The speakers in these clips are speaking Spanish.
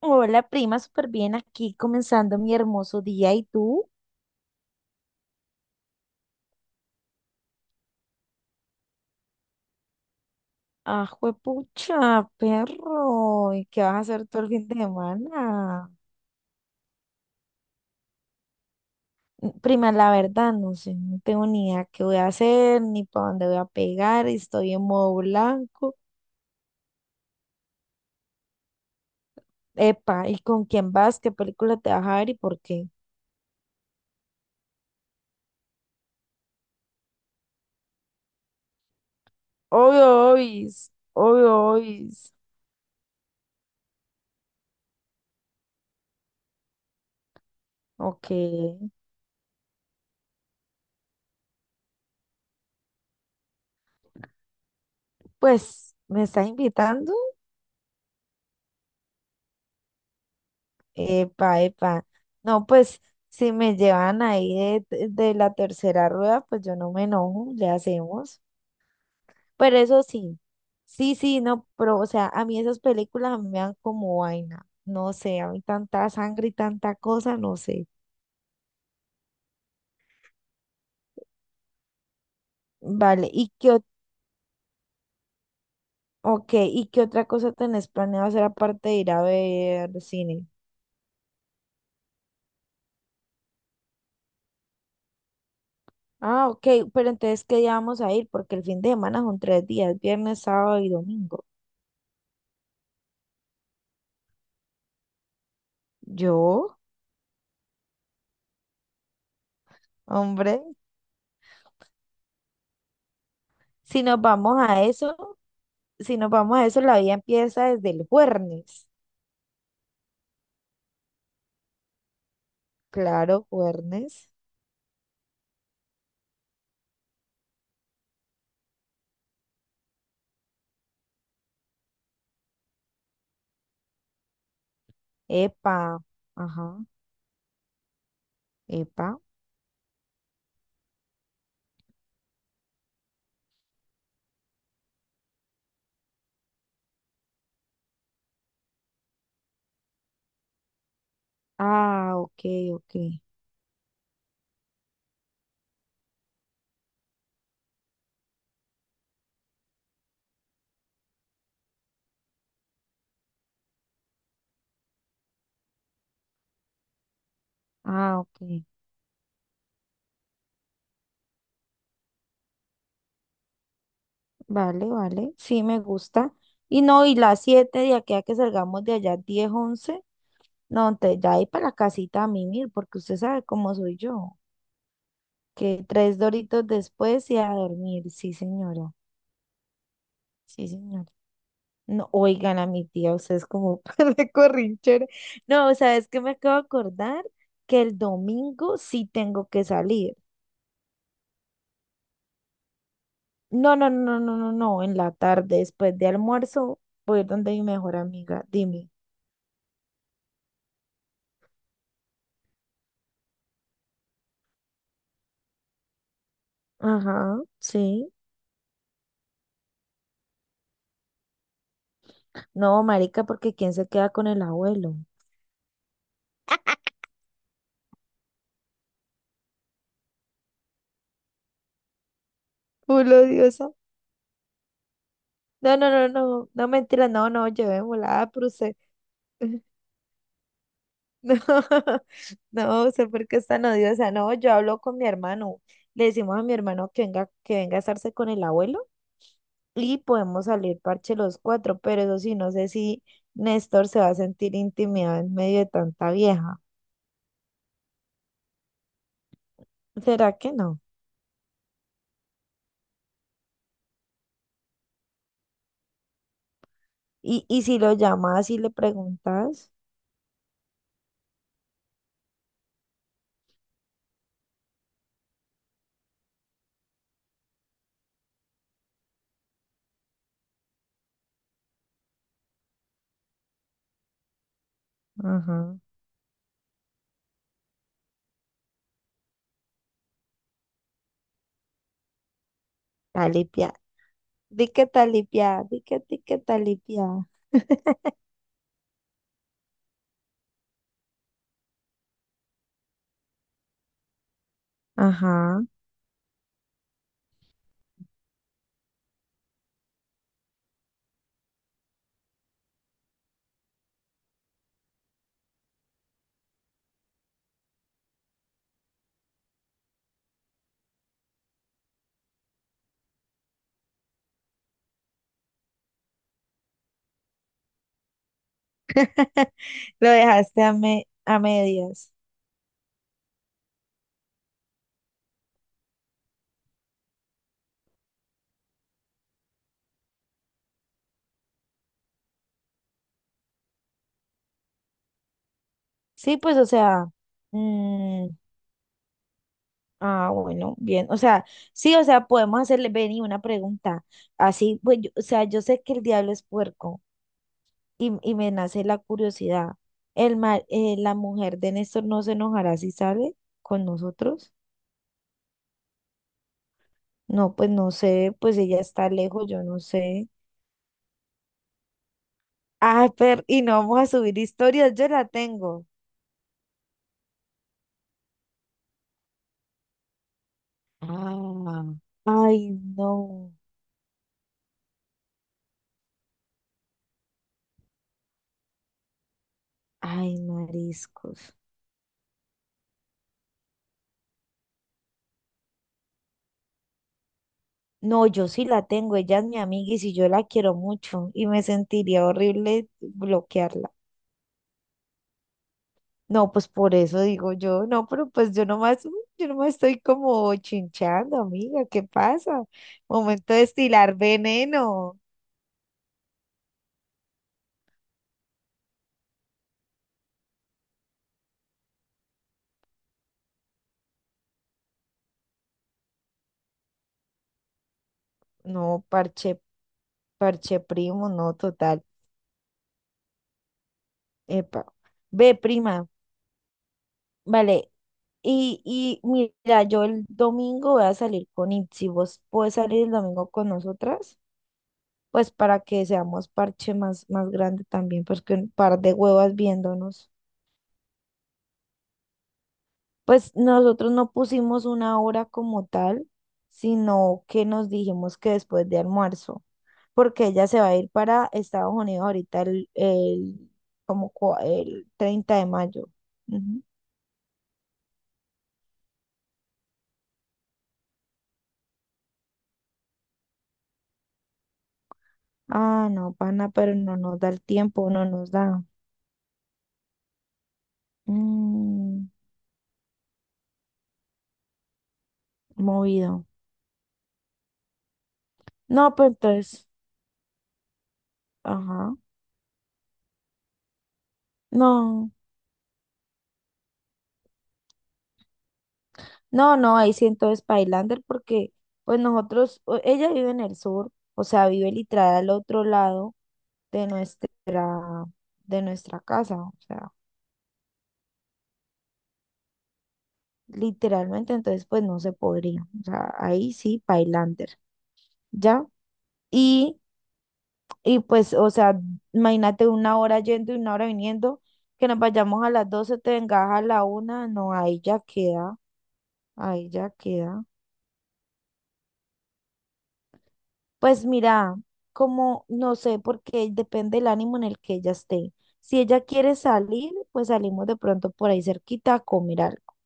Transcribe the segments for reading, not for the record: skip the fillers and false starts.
Hola, prima, súper bien aquí comenzando mi hermoso día. ¿Y tú? Ah, juepucha, perro. ¿Y qué vas a hacer todo el fin de semana? Prima, la verdad, no sé, no tengo ni idea qué voy a hacer, ni para dónde voy a pegar. Estoy en modo blanco. Epa, ¿y con quién vas? ¿Qué película te vas a ver y por qué? Obvio, obis, obvio, obis. Ok, pues, ¿me estás invitando? Epa, epa. No, pues si me llevan ahí de la tercera rueda, pues yo no me enojo, le hacemos. Pero eso sí, sí, sí, no, pero o sea, a mí esas películas a mí me dan como vaina. No sé, a mí tanta sangre y tanta cosa, no sé. Vale, ¿y qué, ok, ¿y qué otra cosa tenés planeado hacer aparte de ir a ver cine? Ah, ok, pero entonces, ¿qué día vamos a ir? Porque el fin de semana son 3 días: viernes, sábado y domingo. ¿Yo? Hombre. Si nos vamos a eso, si nos vamos a eso, la vida empieza desde el jueves. Claro, jueves. Epa, ajá, epa. Ah, ok, ok. Ah, ok. Vale, vale. Sí, me gusta. Y no, y las 7 de aquí a que salgamos de allá, 10 once. No, entonces ya ahí para la casita a mimir, porque usted sabe cómo soy yo. Que tres doritos después y a dormir. Sí, señora. Sí, señora. No, oigan a mi tía, usted es como de corrinchera. No, ¿sabes qué me acabo de acordar? Que el domingo sí tengo que salir. No, no, no, no, no, no, en la tarde, después de almuerzo, voy a ir donde mi mejor amiga, dime. Ajá, sí. No, marica, porque ¿quién se queda con el abuelo? Puro diosa. No, no, no, no, no, mentira, no, no, llevémosla, ah, pero usted. No, no, sé por qué es tan odiosa. No, yo hablo con mi hermano. Le decimos a mi hermano que venga a estarse con el abuelo y podemos salir parche los cuatro, pero eso sí, no sé si Néstor se va a sentir intimidado en medio de tanta vieja. ¿Será que no? Y si lo llamas y le preguntas, ajá, talipia, talipia, di que talipia. Ajá, lo dejaste a medias. Sí, pues, o sea, mm, ah, bueno, bien, o sea, sí, o sea, podemos hacerle, Benny, una pregunta, así, pues, yo- o sea, yo sé que el diablo es puerco y me nace la curiosidad, la mujer de Néstor no se enojará si sale con nosotros, no, pues, no sé, pues, ella está lejos, yo no sé, ah, pero, y no vamos a subir historias, yo la tengo. Ah. Ay, no, ay, mariscos. No, yo sí la tengo, ella es mi amiga y si yo la quiero mucho y me sentiría horrible bloquearla. No, pues por eso digo yo, no, pero pues yo nomás, yo nomás estoy como chinchando, amiga, ¿qué pasa? Momento de estilar veneno. No, parche, parche primo, no, total. Epa. Ve, prima, vale. Y mira, yo el domingo voy a salir con Itzi, ¿vos puedes salir el domingo con nosotras? Pues para que seamos parche más grande también, porque un par de huevas viéndonos. Pues nosotros no pusimos una hora como tal, sino que nos dijimos que después de almuerzo, porque ella se va a ir para Estados Unidos ahorita el 30 de mayo. Ujú. Ah, no, pana, pero no nos da el tiempo, no nos da. Mm, movido. No, pues entonces, ajá. No. No, no, ahí sí entonces Pailander porque pues nosotros, o- ella vive en el sur, o sea, vive literal al otro lado de nuestra, de nuestra casa, o sea, literalmente entonces pues no se podría, o sea, ahí sí Pailander, ¿ya? Y, y pues, o sea, imagínate una hora yendo y una hora viniendo, que nos vayamos a las 12 te vengas a la una, no, ahí ya queda, ahí ya queda. Pues mira, como no sé, porque depende del ánimo en el que ella esté. Si ella quiere salir, pues salimos de pronto por ahí cerquita a comer algo,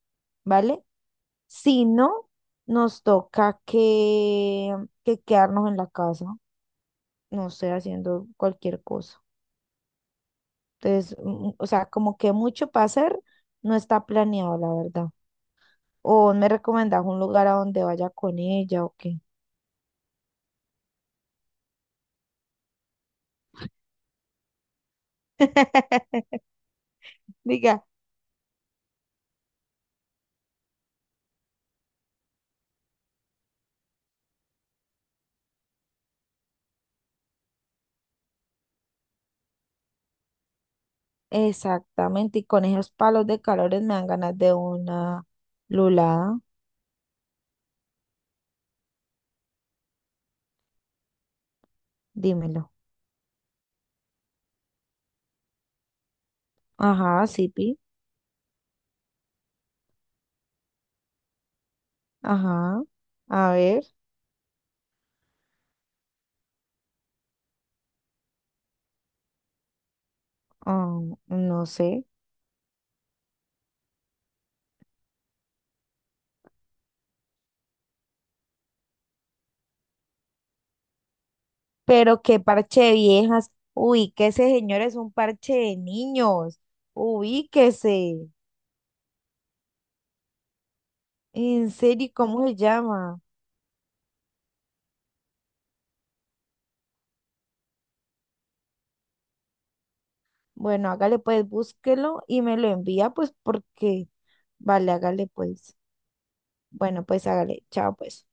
¿vale? Si no, nos toca que quedarnos en la casa, no sé, haciendo cualquier cosa. Entonces, mm, o sea, como que mucho para hacer no está planeado, la verdad. O me recomendás un lugar a donde vaya con ella o qué. Diga. Exactamente, y con esos palos de calores me dan ganas de una lulada, dímelo. Ajá, sí, ajá, a ver, ah, no sé, pero qué parche de viejas, uy, que ese señor es un parche de niños, ubíquese, en serio, ¿y cómo se llama? Bueno, hágale pues, búsquelo y me lo envía, pues, porque, vale, hágale pues, bueno, pues hágale, chao pues.